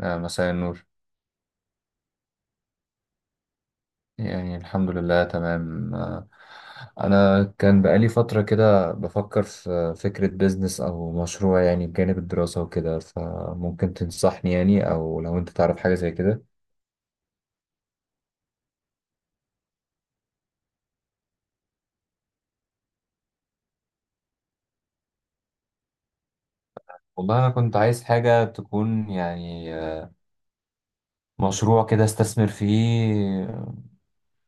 مساء النور. يعني الحمد لله تمام. أنا كان بقالي فترة كده بفكر في فكرة بيزنس أو مشروع، يعني بجانب الدراسة وكده. فممكن تنصحني يعني، أو لو أنت تعرف حاجة زي كده. والله أنا كنت عايز حاجة تكون يعني مشروع كده استثمر فيه.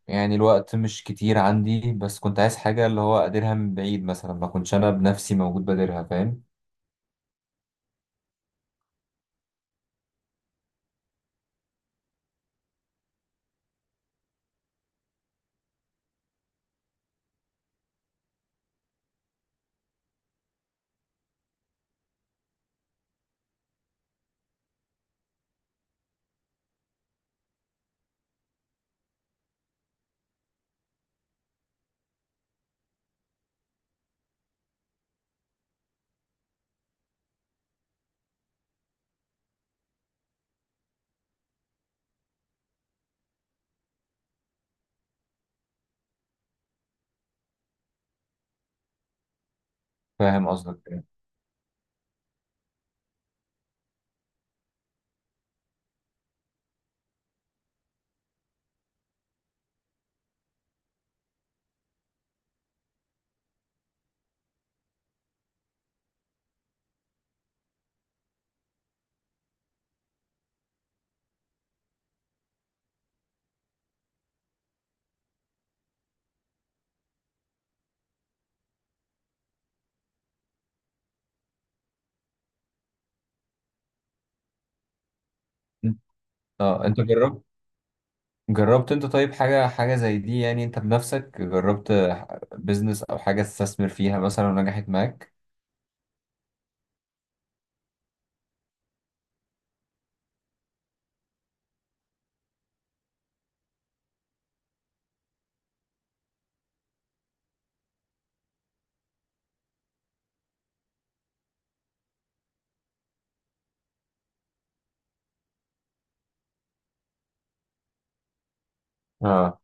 يعني الوقت مش كتير عندي، بس كنت عايز حاجة اللي هو أديرها من بعيد، مثلا ما كنتش أنا بنفسي موجود باديرها، فاهم؟ فاهم قصدك. اه، انت جربت؟ جربت انت طيب حاجة زي دي يعني، انت بنفسك جربت بيزنس او حاجة تستثمر فيها مثلا ونجحت معاك؟ اه.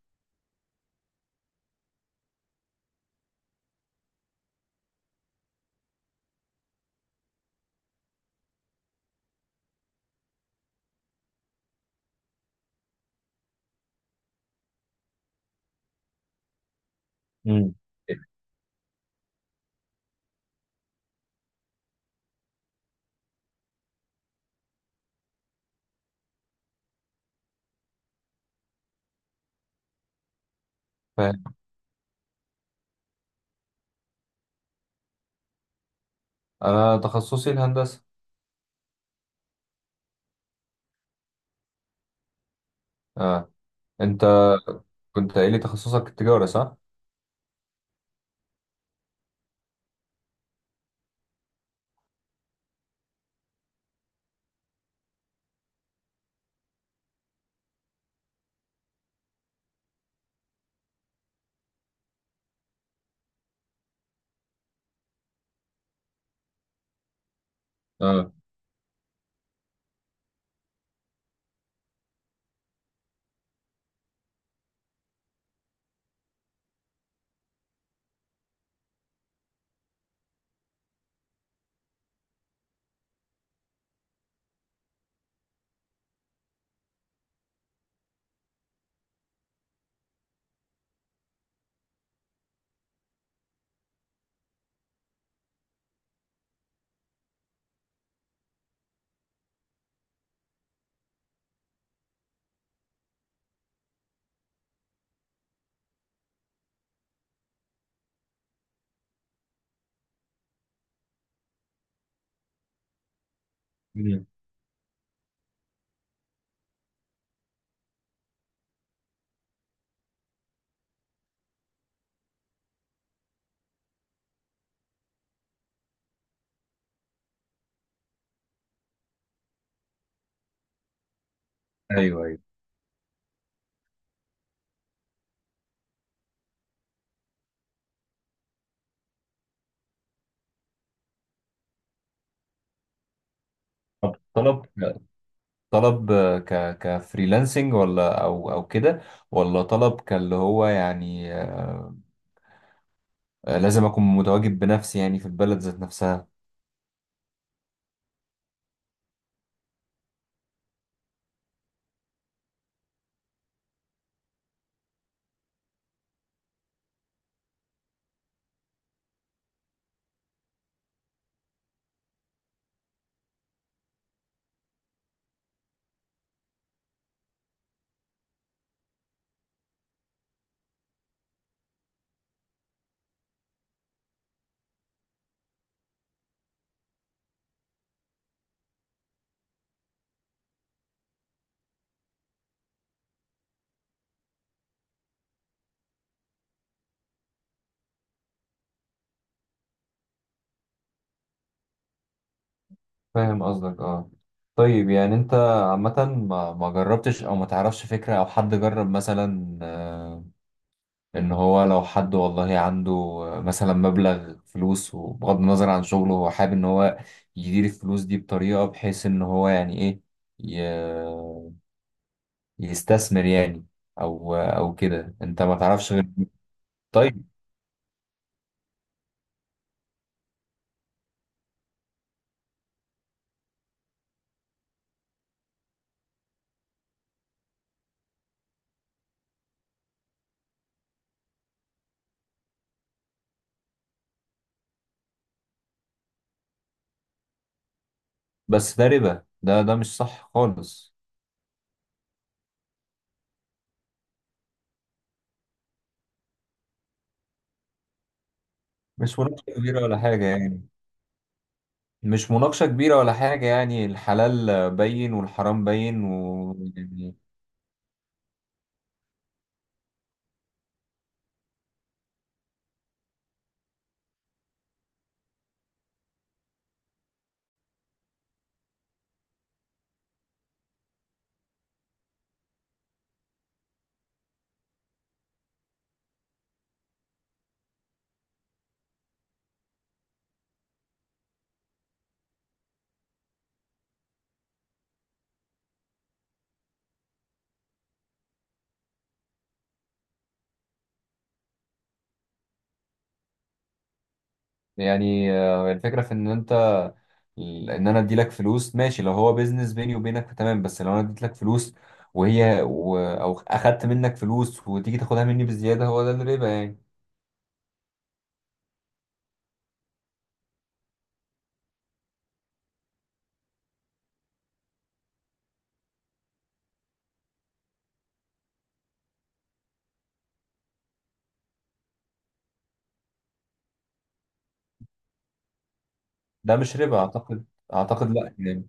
امم. فاهم. انا تخصصي الهندسة. اه، انت كنت قايل لي تخصصك التجارة صح؟ اه. مم. ايوه، ايوه. طب طلب كفريلانسنج ولا او كده، ولا طلب كاللي هو يعني لازم اكون متواجد بنفسي يعني في البلد ذات نفسها؟ فاهم قصدك، اه. طيب يعني انت عامة ما جربتش او ما تعرفش فكرة او حد جرب مثلا ان هو لو حد، والله عنده مثلا مبلغ فلوس، وبغض النظر عن شغله هو حابب ان هو يدير الفلوس دي بطريقة بحيث ان هو يعني ايه، ي- يستثمر يعني، او كده؟ انت ما تعرفش غير؟ طيب. بس ده ربا، ده مش صح خالص. مش مناقشة كبيرة ولا حاجة يعني. مش مناقشة كبيرة ولا حاجة يعني، الحلال بين والحرام بين، و يعني. يعني الفكرة في ان انت، ان انا ادي لك فلوس ماشي، لو هو بيزنس بيني وبينك تمام، بس لو انا اديت لك فلوس او اخدت منك فلوس وتيجي تاخدها مني بزيادة، هو ده الربا يعني. ده مش ربا اعتقد، اعتقد لا يعني.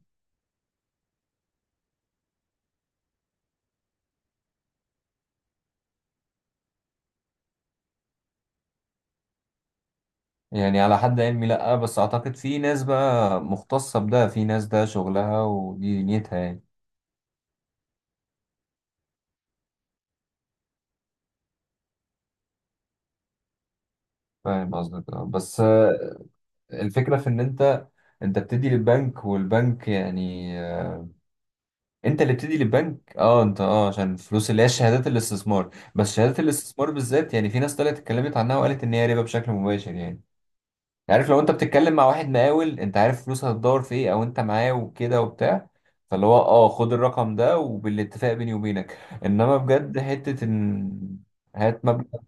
يعني على حد علمي لا، بس اعتقد في ناس بقى مختصة بده، في ناس ده شغلها ودي نيتها يعني. فاهم قصدك. بس الفكرة في ان انت، انت بتدي للبنك والبنك يعني انت اللي بتدي للبنك، اه انت، اه عشان الفلوس اللي هي شهادات الاستثمار، بس شهادات الاستثمار بالذات، يعني في ناس طلعت اتكلمت عنها وقالت ان هي ربا بشكل مباشر يعني. يعني عارف، لو انت بتتكلم مع واحد مقاول انت عارف فلوسها هتدور في ايه، او انت معاه وكده وبتاع، فاللي هو اه خد الرقم ده وبالاتفاق بيني وبينك، انما بجد حتة ان هات مبلغ.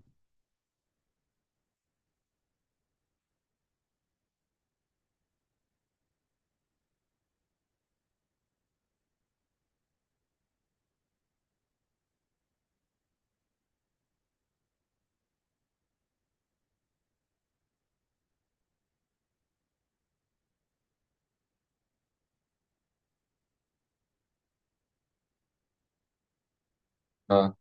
اه،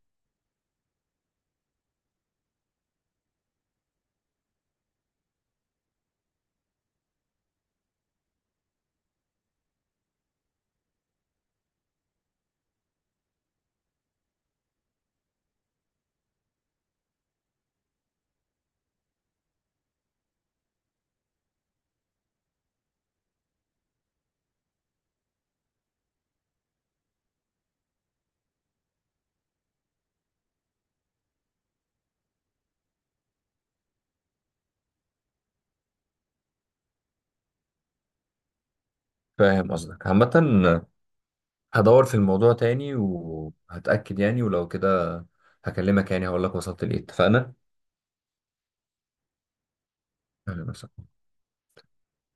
فاهم قصدك. عامة هدور في الموضوع تاني وهتأكد يعني، ولو كده هكلمك يعني هقول لك وصلت لإيه. اتفقنا؟ أهلا وسهلا.